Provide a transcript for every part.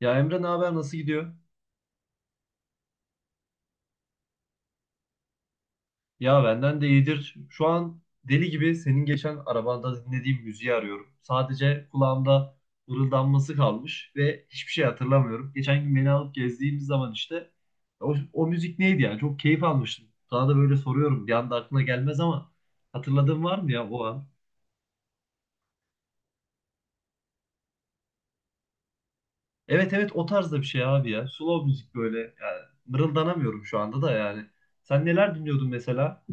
Ya Emre ne haber nasıl gidiyor? Ya benden de iyidir. Şu an deli gibi senin geçen arabanda dinlediğim müziği arıyorum. Sadece kulağımda mırıldanması kalmış ve hiçbir şey hatırlamıyorum. Geçen gün beni alıp gezdiğimiz zaman işte o müzik neydi ya? Çok keyif almıştım. Sana da böyle soruyorum. Bir anda aklına gelmez ama hatırladığın var mı ya o an? Evet evet, o tarzda bir şey abi ya. Slow müzik böyle. Yani mırıldanamıyorum şu anda da yani. Sen neler dinliyordun mesela?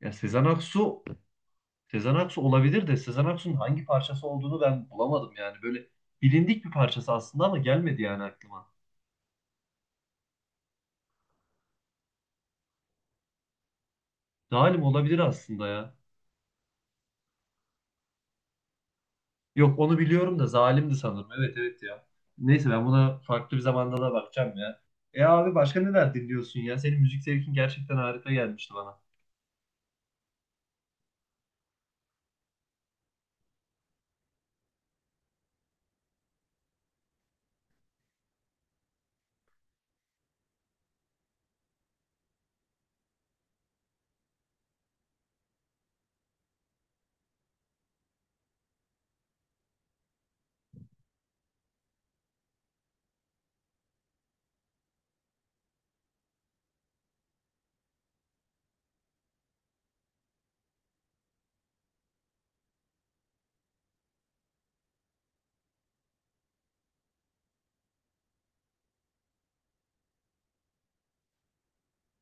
Ya Sezen Aksu, Sezen Aksu olabilir de Sezen Aksu'nun hangi parçası olduğunu ben bulamadım yani. Böyle bilindik bir parçası aslında ama gelmedi yani aklıma. Zalim olabilir aslında ya. Yok, onu biliyorum da Zalim'di sanırım. Evet evet ya. Neyse, ben buna farklı bir zamanda da bakacağım ya. E abi, başka neler dinliyorsun ya? Senin müzik zevkin gerçekten harika gelmişti bana.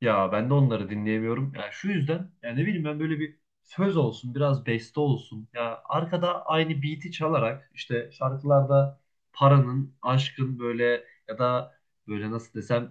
Ya ben de onları dinleyemiyorum. Ya şu yüzden, yani ne bileyim, ben böyle bir söz olsun, biraz beste olsun. Ya arkada aynı beat'i çalarak işte şarkılarda paranın, aşkın, böyle ya da böyle nasıl desem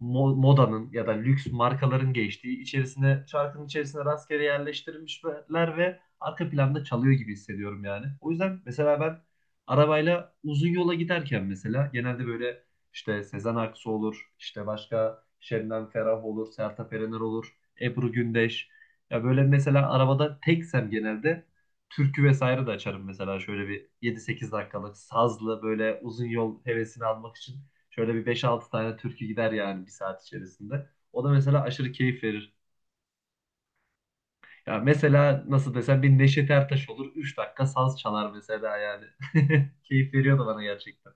modanın ya da lüks markaların geçtiği, içerisine, şarkının içerisine rastgele yerleştirilmişler ve arka planda çalıyor gibi hissediyorum yani. O yüzden mesela ben arabayla uzun yola giderken mesela genelde böyle işte Sezen Aksu olur. işte başka Şebnem Ferah olur. Sertab Erener olur. Ebru Gündeş. Ya böyle mesela arabada teksem genelde türkü vesaire de açarım mesela, şöyle bir yedi sekiz dakikalık sazlı böyle uzun yol hevesini almak için şöyle bir beş altı tane türkü gider yani bir saat içerisinde. O da mesela aşırı keyif verir. Ya mesela nasıl desem, bir Neşet Ertaş olur üç dakika saz çalar mesela yani. Keyif veriyor da bana gerçekten.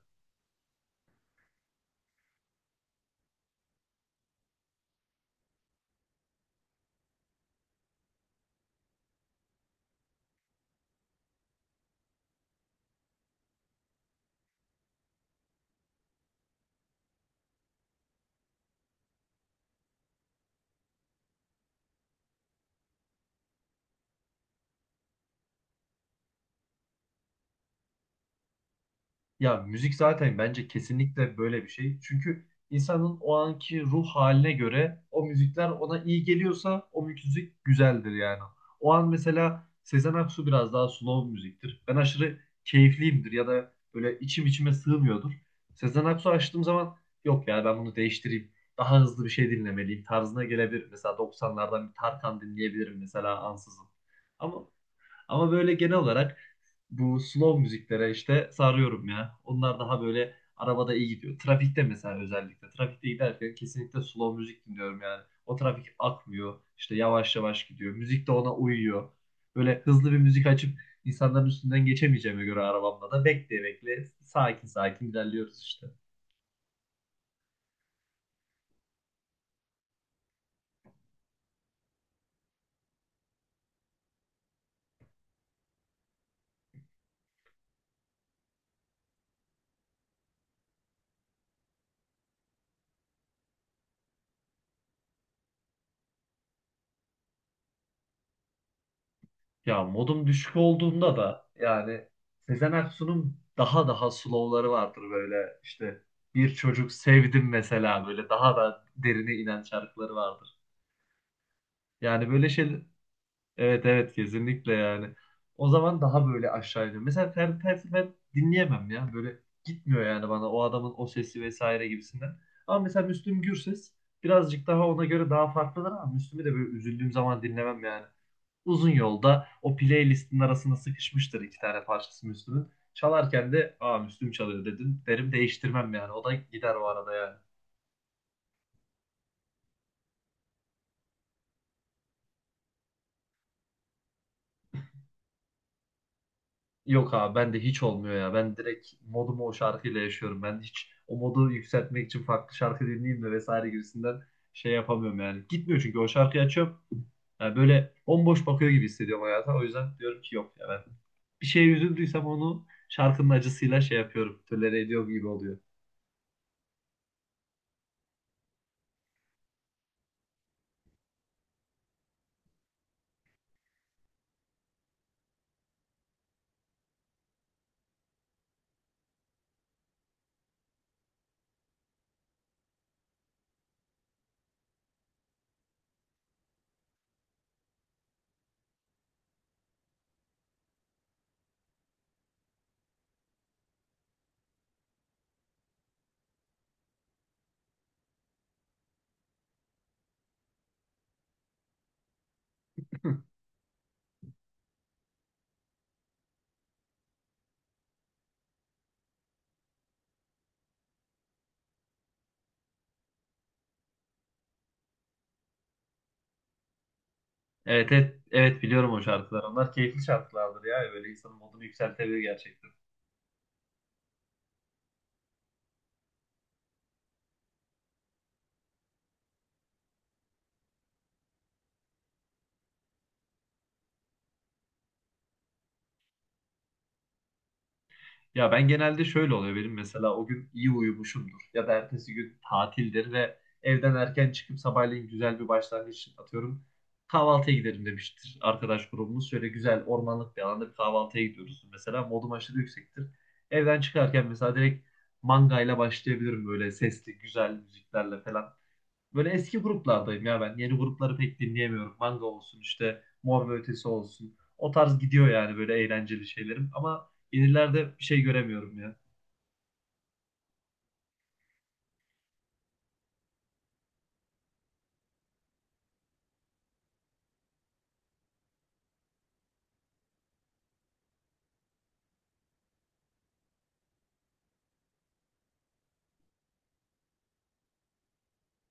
Ya müzik zaten bence kesinlikle böyle bir şey. Çünkü insanın o anki ruh haline göre o müzikler ona iyi geliyorsa o müzik güzeldir yani. O an mesela Sezen Aksu biraz daha slow müziktir. Ben aşırı keyifliyimdir ya da böyle içim içime sığmıyordur. Sezen Aksu açtığım zaman yok ya, ben bunu değiştireyim. Daha hızlı bir şey dinlemeliyim tarzına gelebilir. Mesela 90'lardan bir Tarkan dinleyebilirim mesela ansızın. Ama böyle genel olarak bu slow müziklere işte sarıyorum ya. Onlar daha böyle arabada iyi gidiyor. Trafikte mesela, özellikle. Trafikte giderken kesinlikle slow müzik dinliyorum yani. O trafik akmıyor. İşte yavaş yavaş gidiyor. Müzik de ona uyuyor. Böyle hızlı bir müzik açıp insanların üstünden geçemeyeceğime göre arabamda da bekleye bekle sakin sakin ilerliyoruz işte. Ya modum düşük olduğunda da yani Sezen Aksu'nun daha slow'ları vardır, böyle işte bir çocuk sevdim mesela, böyle daha da derine inen şarkıları vardır. Yani böyle şey, evet evet, kesinlikle yani. O zaman daha böyle aşağı iniyor. Mesela Ferdi Tayfur ben dinleyemem ya, böyle gitmiyor yani bana o adamın o sesi vesaire gibisinden. Ama mesela Müslüm Gürses birazcık daha ona göre daha farklıdır ama Müslüm'ü de böyle üzüldüğüm zaman dinlemem yani. Uzun yolda o playlistin arasına sıkışmıştır iki tane parçası Müslüm'ün. Çalarken de aa, Müslüm çalıyor dedim. Derim, değiştirmem yani. O da gider o arada yani. Yok abi, ben de hiç olmuyor ya. Ben direkt modumu o şarkıyla yaşıyorum. Ben hiç o modu yükseltmek için farklı şarkı dinleyeyim de vesaire gibisinden şey yapamıyorum yani. Gitmiyor, çünkü o şarkıyı açıyorum. Yani böyle bomboş bakıyor gibi hissediyorum hayata. O yüzden diyorum ki yok ya, ben bir şeye üzüldüysem onu şarkının acısıyla şey yapıyorum. Tolere ediyorum gibi oluyor. Evet, evet, evet, biliyorum o şarkılar. Onlar keyifli şarkılardır ya. Böyle insanın modunu yükseltebilir gerçekten. Ya ben genelde şöyle oluyor, benim mesela o gün iyi uyumuşumdur. Ya da ertesi gün tatildir ve evden erken çıkıp sabahleyin güzel bir başlangıç atıyorum. Kahvaltıya gidelim demiştir arkadaş grubumuz. Şöyle güzel ormanlık bir alanda bir kahvaltıya gidiyoruz. Mesela modum aşırı yüksektir. Evden çıkarken mesela direkt mangayla başlayabilirim, böyle sesli güzel müziklerle falan. Böyle eski gruplardayım ya ben. Yeni grupları pek dinleyemiyorum. Manga olsun, işte Mor ve Ötesi olsun. O tarz gidiyor yani, böyle eğlenceli şeylerim. Ama yenilerde bir şey göremiyorum ya.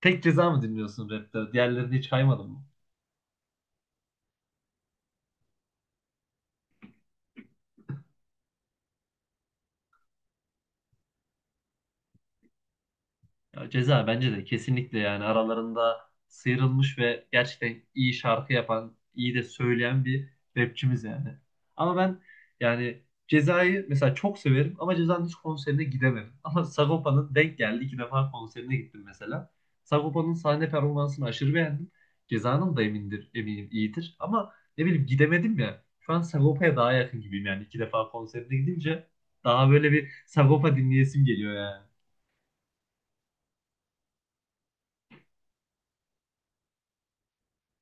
Tek Ceza mı dinliyorsun rapte? Diğerlerini hiç kaymadın mı? Ya Ceza bence de kesinlikle yani aralarında sıyrılmış ve gerçekten iyi şarkı yapan, iyi de söyleyen bir rapçimiz yani. Ama ben yani Ceza'yı mesela çok severim ama Ceza'nın hiç konserine gidemedim. Ama Sagopa'nın denk geldi. İki defa konserine gittim mesela. Sagopa'nın sahne performansını aşırı beğendim. Ceza'nın da emindir, eminim iyidir. Ama ne bileyim, gidemedim ya. Şu an Sagopa'ya daha yakın gibiyim yani. İki defa konserine gidince daha böyle bir Sagopa dinleyesim geliyor yani.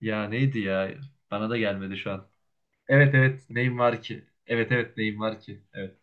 Ya neydi ya? Bana da gelmedi şu an. Evet evet, neyim var ki? Evet evet, neyim var ki? Evet.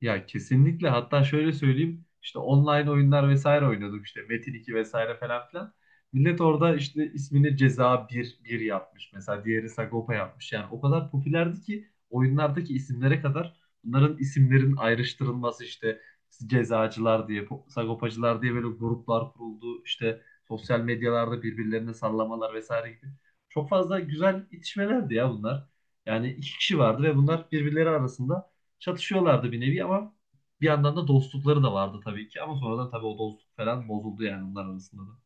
Ya kesinlikle, hatta şöyle söyleyeyim, işte online oyunlar vesaire oynuyorduk, işte Metin 2 vesaire falan filan. Millet orada işte ismini Ceza 1 1 yapmış mesela, diğeri Sagopa yapmış. Yani o kadar popülerdi ki oyunlardaki isimlere kadar bunların isimlerin ayrıştırılması, işte sagopacılar diye böyle gruplar kuruldu. İşte sosyal medyalarda birbirlerine sallamalar vesaire gibi. Çok fazla güzel itişmelerdi ya bunlar. Yani iki kişi vardı ve bunlar birbirleri arasında çatışıyorlardı bir nevi, ama bir yandan da dostlukları da vardı tabii ki, ama sonradan tabii o dostluk falan bozuldu yani onlar arasında da.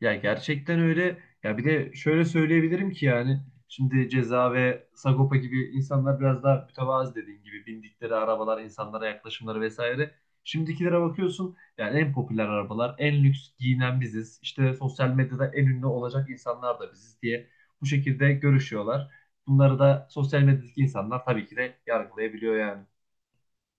Ya gerçekten öyle. Ya bir de şöyle söyleyebilirim ki yani şimdi Ceza ve Sagopa gibi insanlar biraz daha mütevazı, dediğin gibi bindikleri arabalar, insanlara yaklaşımları vesaire. Şimdikilere bakıyorsun yani en popüler arabalar, en lüks giyinen biziz. İşte sosyal medyada en ünlü olacak insanlar da biziz diye bu şekilde görüşüyorlar. Bunları da sosyal medyadaki insanlar tabii ki de yargılayabiliyor yani.